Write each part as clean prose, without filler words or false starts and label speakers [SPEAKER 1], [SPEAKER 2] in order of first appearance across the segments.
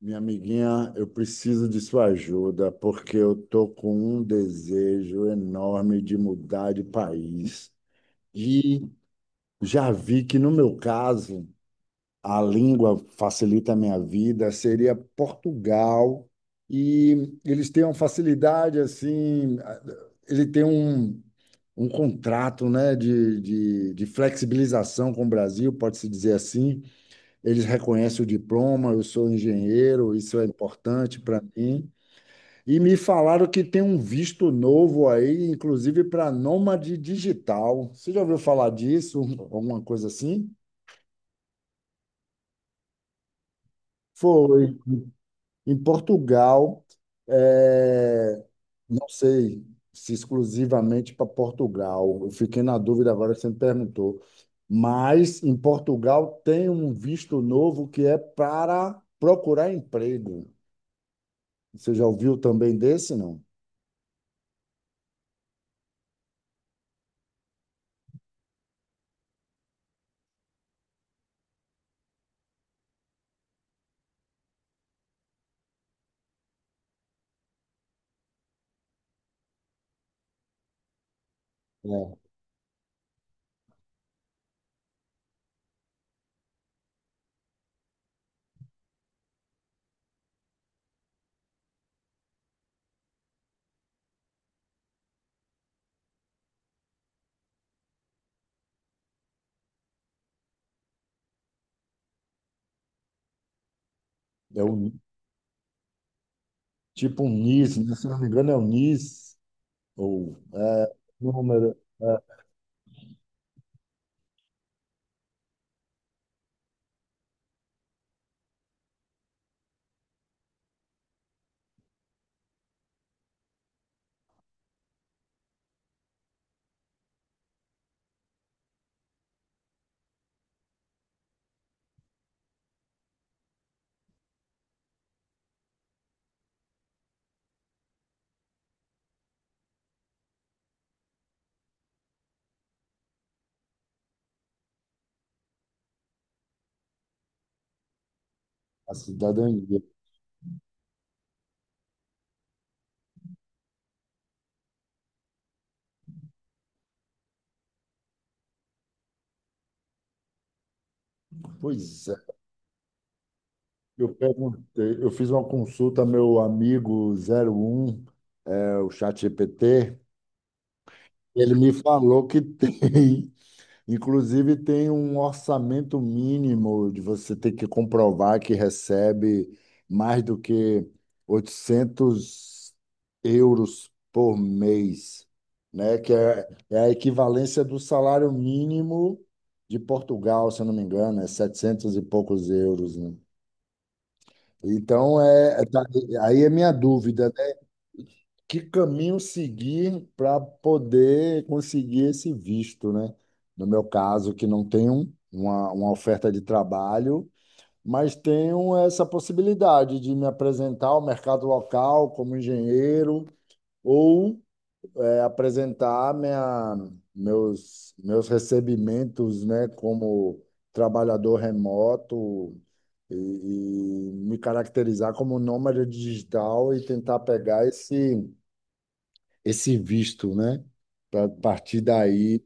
[SPEAKER 1] Minha amiguinha, eu preciso de sua ajuda porque eu tô com um desejo enorme de mudar de país. E já vi que, no meu caso, a língua facilita a minha vida, seria Portugal. E eles têm uma facilidade assim, ele tem um, um contrato, né, de flexibilização com o Brasil, pode-se dizer assim. Eles reconhecem o diploma, eu sou engenheiro, isso é importante para mim. E me falaram que tem um visto novo aí, inclusive para nômade digital. Você já ouviu falar disso? Alguma coisa assim? Foi. Em Portugal, é, não sei se exclusivamente para Portugal. Eu fiquei na dúvida agora que você me perguntou. Mas em Portugal tem um visto novo que é para procurar emprego. Você já ouviu também desse, não? É, é o, tipo um NIS, né? Se não me engano, é o NIS, ou é, número, é, a cidadania. Pois é, eu perguntei, eu fiz uma consulta ao meu amigo 01, é, o ChatGPT, ele me falou que tem. Inclusive, tem um orçamento mínimo de você ter que comprovar que recebe mais do que 800 euros por mês, né? Que é, é a equivalência do salário mínimo de Portugal, se eu não me engano, é 700 e poucos euros, né? Então, é, é- tá- aí é minha dúvida, que caminho seguir para poder conseguir esse visto, né? No meu caso, que não tenho uma oferta de trabalho, mas tenho essa possibilidade de me apresentar ao mercado local como engenheiro, ou é, apresentar minha, meus recebimentos, né, como trabalhador remoto. E me caracterizar como nômade digital e tentar pegar esse, esse visto, né? Para partir daí,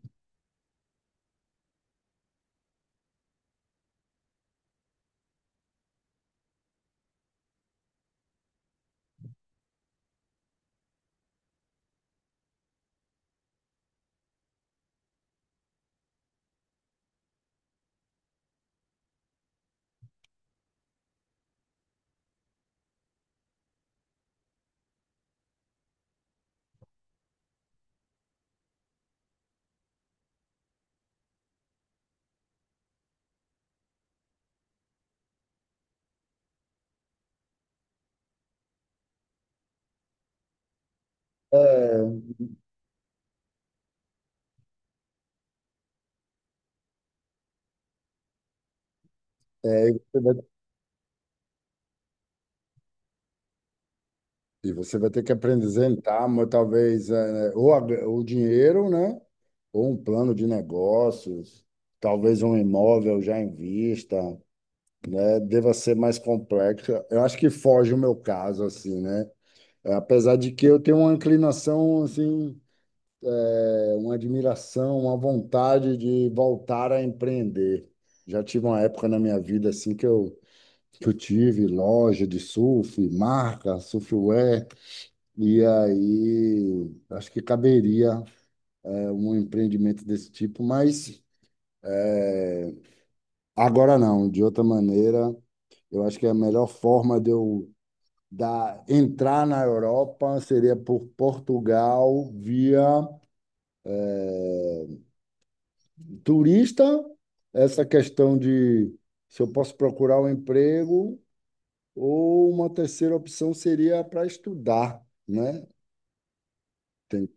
[SPEAKER 1] é, é, você vai, e você vai ter que apresentar, mas talvez, é, ou a- o dinheiro, né? Ou um plano de negócios, talvez um imóvel já em vista. É, deva ser mais complexo. Eu acho que foge o meu caso, assim, né? É, apesar de que eu tenho uma inclinação, assim, é, uma admiração, uma vontade de voltar a empreender. Já tive uma época na minha vida, assim, que eu tive loja de surf, marca, surfwear, e aí acho que caberia, é, um empreendimento desse tipo, mas agora não, de outra maneira, eu acho que a melhor forma de eu dar, entrar na Europa seria por Portugal via turista, essa questão de se eu posso procurar um emprego, ou uma terceira opção seria para estudar, né? Tem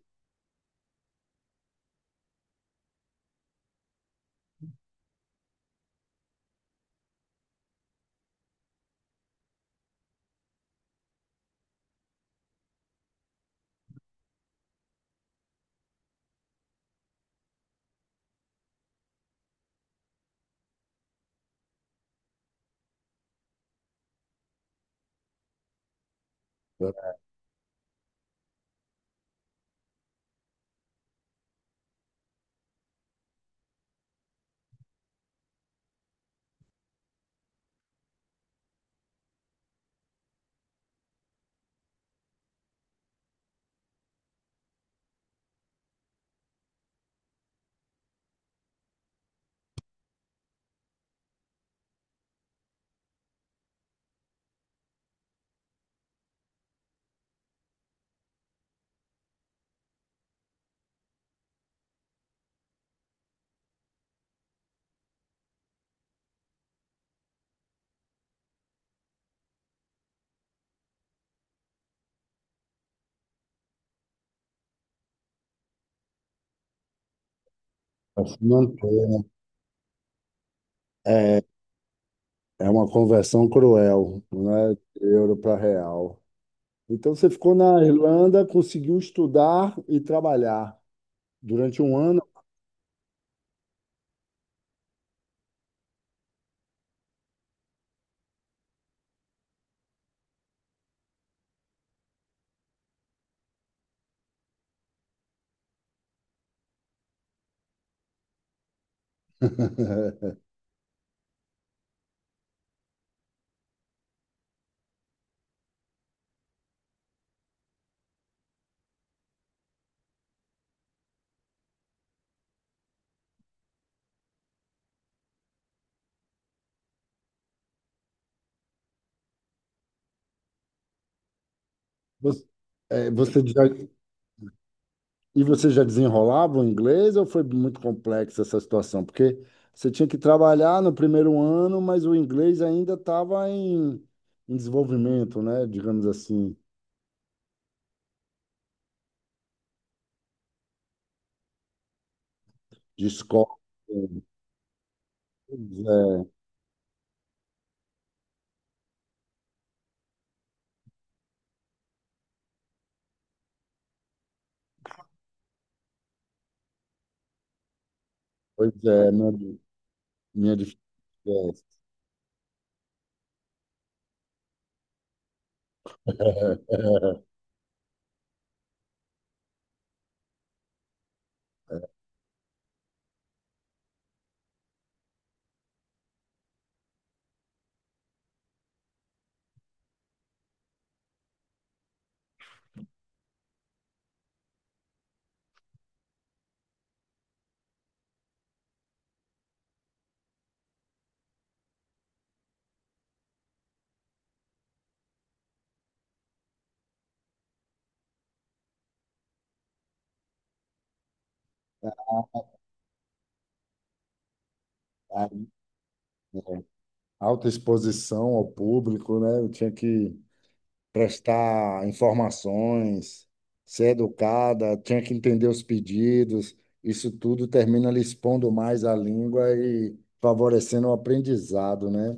[SPEAKER 1] para se manter, né? É, é uma conversão cruel, né? De euro para real. Então você ficou na Irlanda, conseguiu estudar e trabalhar durante um ano. Você, é, você já, e você já desenrolava o inglês ou foi muito complexa essa situação? Porque você tinha que trabalhar no primeiro ano, mas o inglês ainda estava em, em desenvolvimento, né? Digamos assim, de escola. Pois é, pois é, minha, minha dificuldade. Alta exposição ao público, né? Eu tinha que prestar informações, ser educada, tinha que entender os pedidos. Isso tudo termina lhe expondo mais a língua e favorecendo o aprendizado, né?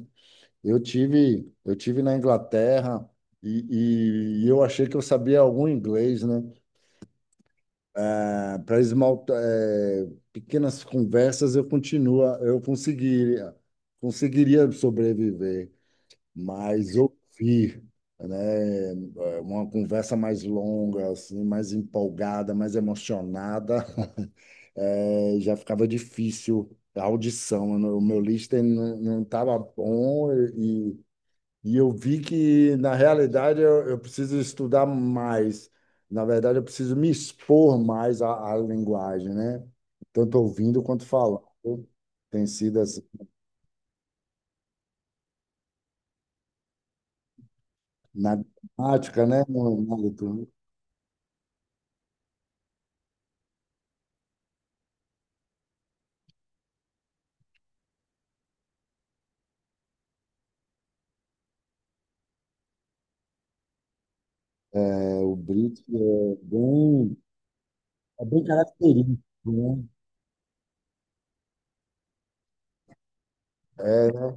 [SPEAKER 1] Eu tive na Inglaterra e eu achei que eu sabia algum inglês, né? Para esmaltar, pequenas conversas eu continua, eu conseguiria, conseguiria sobreviver, mas ouvir, né, uma conversa mais longa, assim, mais empolgada, mais emocionada, já ficava difícil a audição, né? O meu listening não estava bom, e eu vi que, na realidade, eu preciso estudar mais. Na verdade, eu preciso me expor mais à, à linguagem, né? Tanto ouvindo quanto falando. Tem sido assim, na prática, né? Na leitura. É, o Brito é bem característico, né? É,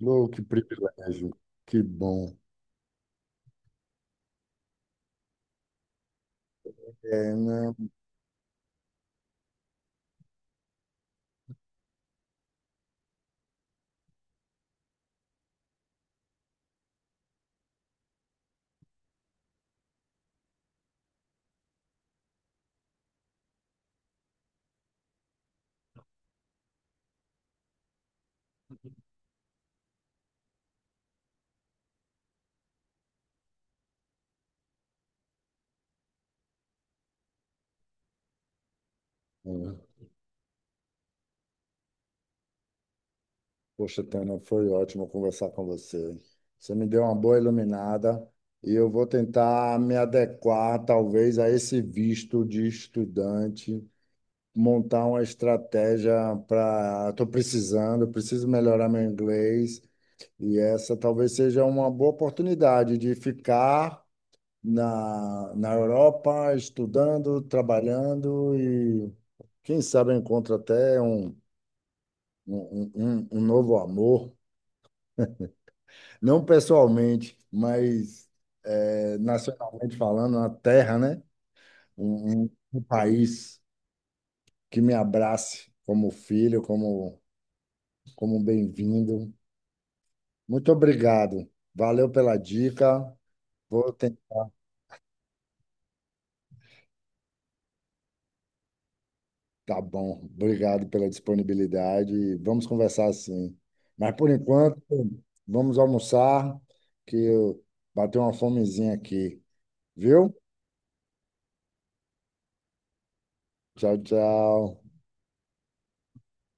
[SPEAKER 1] louco, que privilégio, que bom. É, né? Poxa, Tânia, foi ótimo conversar com você. Você me deu uma boa iluminada, e eu vou tentar me adequar, talvez, a esse visto de estudante, montar uma estratégia para. Estou precisando, preciso melhorar meu inglês, e essa talvez seja uma boa oportunidade de ficar na, na Europa, estudando, trabalhando e, quem sabe, eu encontro até um, um, um, um novo amor. Não pessoalmente, mas nacionalmente falando, uma terra, né? Um país que me abrace como filho, como, como bem-vindo. Muito obrigado. Valeu pela dica. Vou tentar. Tá bom. Obrigado pela disponibilidade. Vamos conversar sim. Mas por enquanto, vamos almoçar, que eu bateu uma fomezinha aqui, viu? Tchau, tchau.